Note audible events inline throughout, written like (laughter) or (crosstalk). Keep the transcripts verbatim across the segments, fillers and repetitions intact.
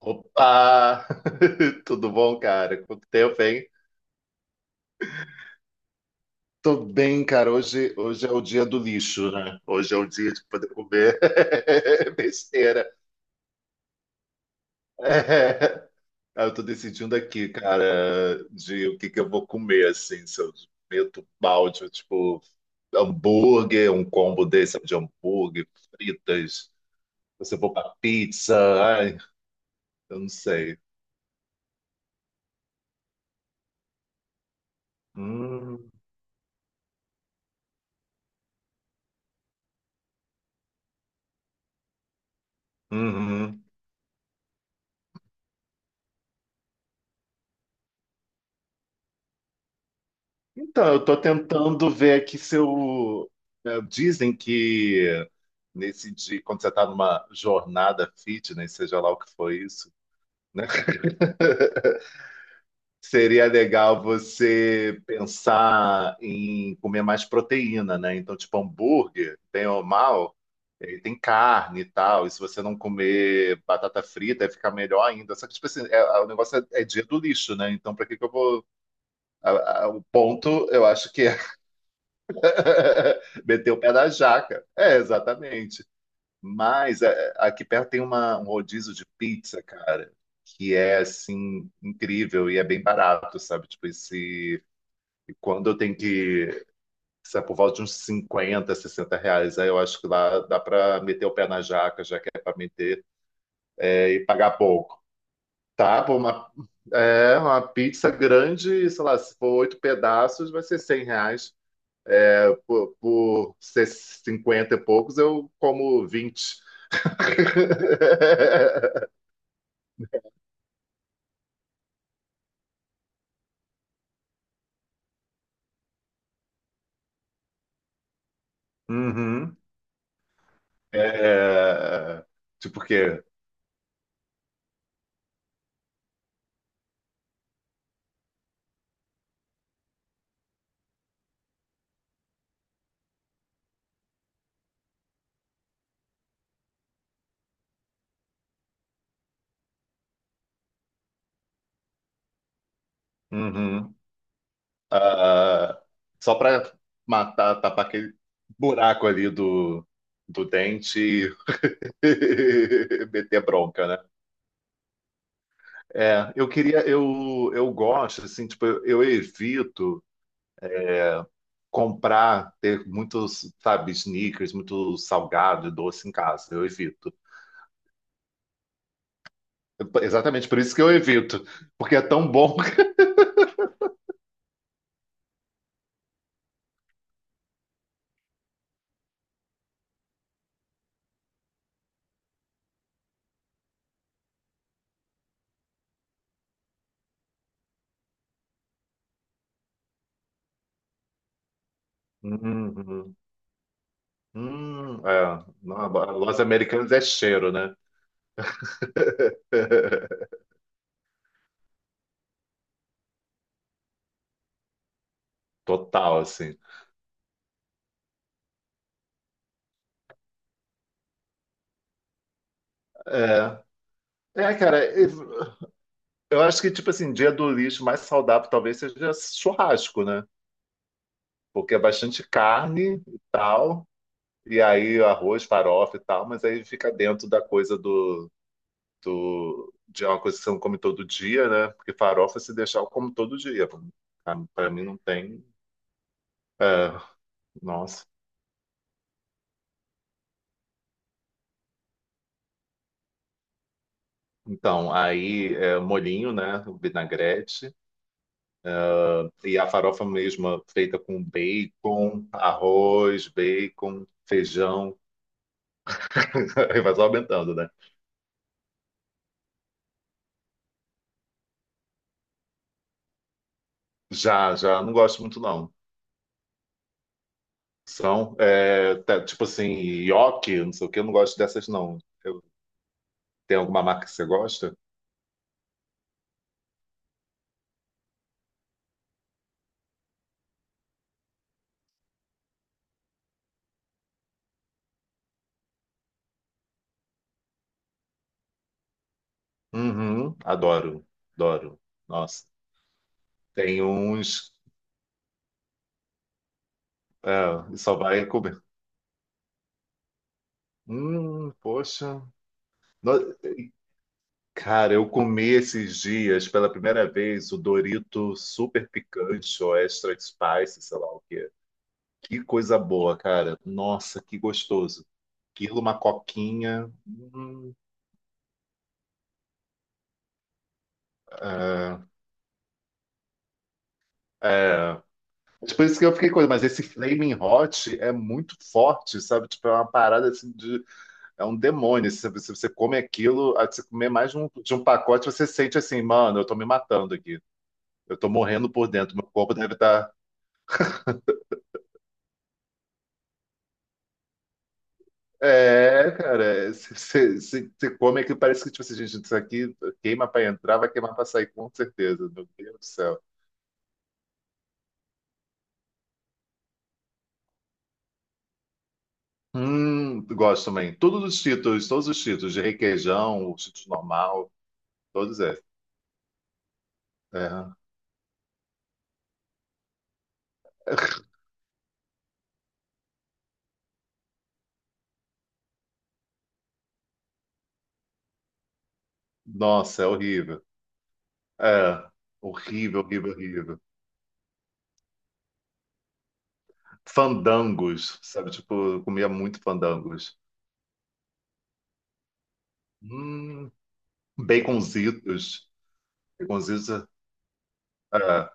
Opa! (laughs) Tudo bom, cara? Quanto tempo, hein? Tô bem, cara. Hoje, hoje é o dia do lixo, né? Hoje é o dia de poder comer (laughs) besteira. É. Aí eu tô decidindo aqui, cara, de o que que eu vou comer, assim, se eu meto balde, eu, tipo, hambúrguer, um combo desse sabe, de hambúrguer, fritas, se eu vou pra pizza, ai, eu não sei. Hum, uhum. Então, eu tô tentando ver aqui se eu. eh, Dizem que nesse dia, quando você tá numa jornada fitness, seja lá o que for isso, né? (laughs) Seria legal você pensar em comer mais proteína, né? Então, tipo, hambúrguer, bem ou mal, ele tem carne e tal. E se você não comer batata frita, vai ficar melhor ainda. Só que, tipo assim, é- é- o negócio é, é dia do lixo, né? Então, pra que que eu vou. A- a- o ponto, eu acho que é. (laughs) Meteu o pé da jaca. É, exatamente. Mas é, aqui perto tem uma- um rodízio de pizza, cara, que é assim incrível e é bem barato, sabe? Tipo, esse, quando eu tenho que, sabe, por volta de uns cinquenta, sessenta reais, aí eu acho que lá dá pra meter o pé na jaca, já que é pra meter, é, e pagar pouco. Tá, pô, uma, é, uma pizza grande, sei lá, se for oito pedaços, vai ser cem reais. por, por ser cinquenta e poucos, eu como vinte. (laughs) Uhum. É, tipo o quê? Uhum. Ah, só para matar, tapar aquele buraco ali do, do dente e (laughs) meter bronca, né? É, eu queria, eu, eu gosto, assim, tipo, eu, eu evito comprar, ter muitos, sabe, sneakers, muito salgado, e doce em casa, eu evito. Exatamente por isso que eu evito, porque é tão bom. (laughs) Uhum. Hum, é. Não, Los Americanos é cheiro, né? (laughs) Total, assim. É, é, cara, eu eu acho que, tipo assim, dia do lixo mais saudável talvez seja churrasco, né? Porque é bastante carne e tal, e aí arroz, farofa e tal, mas aí fica dentro da coisa do, do, de uma coisa que você não come todo dia, né? Porque farofa, se deixar, eu como todo dia. Pra pra mim não tem. É, nossa. Então, aí é, molhinho, né? Vinagrete. E a farofa mesma feita com bacon, arroz, bacon, feijão. (laughs) Aí vai só aumentando, né? Já, já, não gosto muito, não. São, é, tá, tipo assim, nhoque, não sei o que, eu não gosto dessas, não. Eu- Tem alguma marca que você gosta? Uhum, adoro, adoro. Nossa, tem uns. É, só vai comer. Hum, poxa. Cara, eu comi esses dias pela primeira vez o Dorito super picante ou extra spice, sei lá o quê. Que coisa boa, cara. Nossa, que gostoso. Aquilo, uma coquinha. Hum, é, é. Mas por isso que eu fiquei com. Mas esse Flaming Hot é muito forte, sabe? Tipo, é uma parada assim de. É um demônio. Se você se você come aquilo, aí você comer mais de um, de um pacote, você sente assim, mano, eu tô me matando aqui. Eu tô morrendo por dentro. Meu corpo deve estar. É, cara, você come aquilo, parece que, tipo assim, gente, isso aqui queima pra entrar, vai queimar pra sair, com certeza. Meu Deus do céu. Hum, gosto também. Todos os títulos, todos os títulos, de requeijão, o título normal, todos esses. É. Nossa, é horrível. É, horrível, horrível, horrível. Fandangos, sabe? Tipo, eu comia muito fandangos. Hum, baconzitos. Baconzitos, é,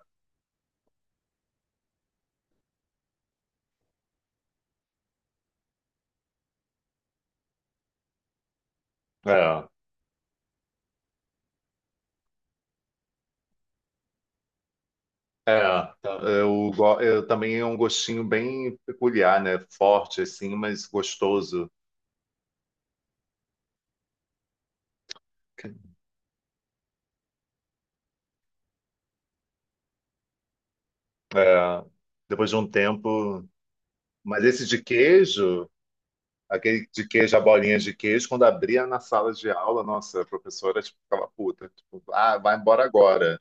é. É, tá. eu, go- eu também é um gostinho bem peculiar, né? Forte, assim, mas gostoso. É, depois de um tempo. Mas esse de queijo, aquele de queijo, a bolinha de queijo, quando abria na sala de aula, nossa, a professora, tipo, ficava puta. Tipo, ah, vai embora agora.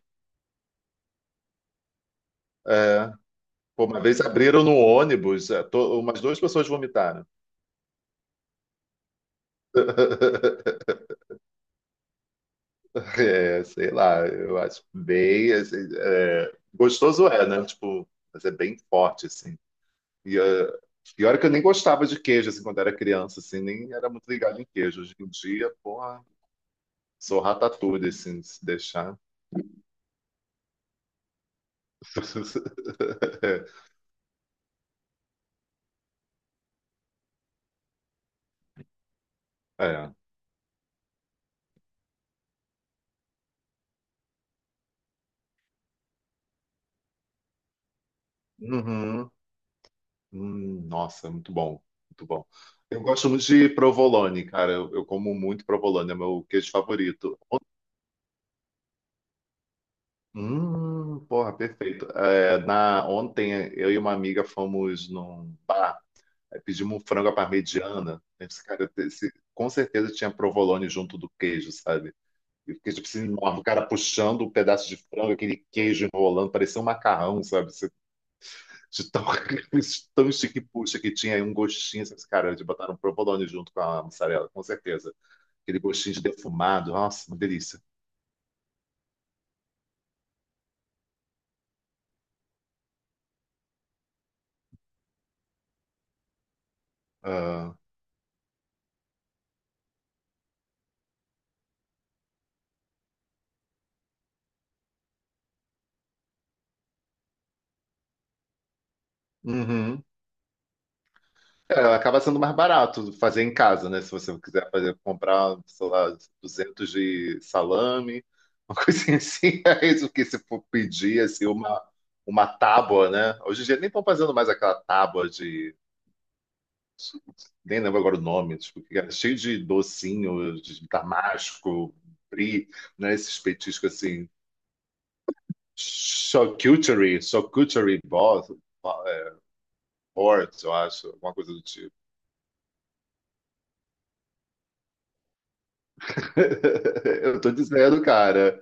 É, pô, uma vez abriram no ônibus, é, to- umas duas pessoas vomitaram. (laughs) É, sei lá, eu acho bem, assim, é, gostoso é, né? Tipo, mas é bem forte, assim. E ah, e é que eu nem gostava de queijo, assim, quando era criança, assim, nem era muito ligado em queijo. Hoje em dia, porra, sou ratatouille, assim, se deixar. (laughs) É. Uhum. Hum, nossa, muito bom, muito bom. Eu gosto muito de provolone, cara. Eu, eu como muito provolone, é meu queijo favorito. Hum, porra, perfeito. É, na, ontem eu e uma amiga fomos num bar. Aí pedimos um frango à parmegiana. A gente, cara, esse- com certeza tinha provolone junto do queijo, sabe? E o queijo precisa enorme. O cara puxando um pedaço de frango, aquele queijo enrolando, parecia um macarrão, sabe? Você- De tão, (laughs) tão chique-puxa que tinha aí um gostinho, sabe? Cara, de botar um provolone junto com a mussarela, com certeza. Aquele gostinho de defumado. Nossa, uma delícia. Ah, uhum. É, acaba sendo mais barato fazer em casa, né? Se você quiser fazer, comprar, sei lá, duzentos de salame, uma (laughs) coisinha assim, é isso que se for pedir, assim, uma, uma tábua, né? Hoje em dia nem estão fazendo mais aquela tábua de... Nem lembro agora o nome, tipo, que era cheio de docinho, de damasco, brie, né? Esses petiscos, assim, charcuterie, charcuterie board, board, eu acho, alguma coisa do tipo. (laughs) Eu tô dizendo, cara.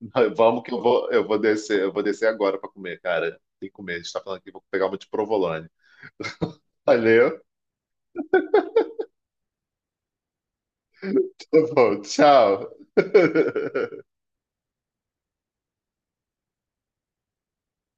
(laughs) Vamos que eu vou, eu vou descer, eu vou descer agora para comer, cara. Tem que comer. A gente tá falando aqui, vou pegar uma de provolone. Valeu. (laughs) Tá bom, tchau. (laughs)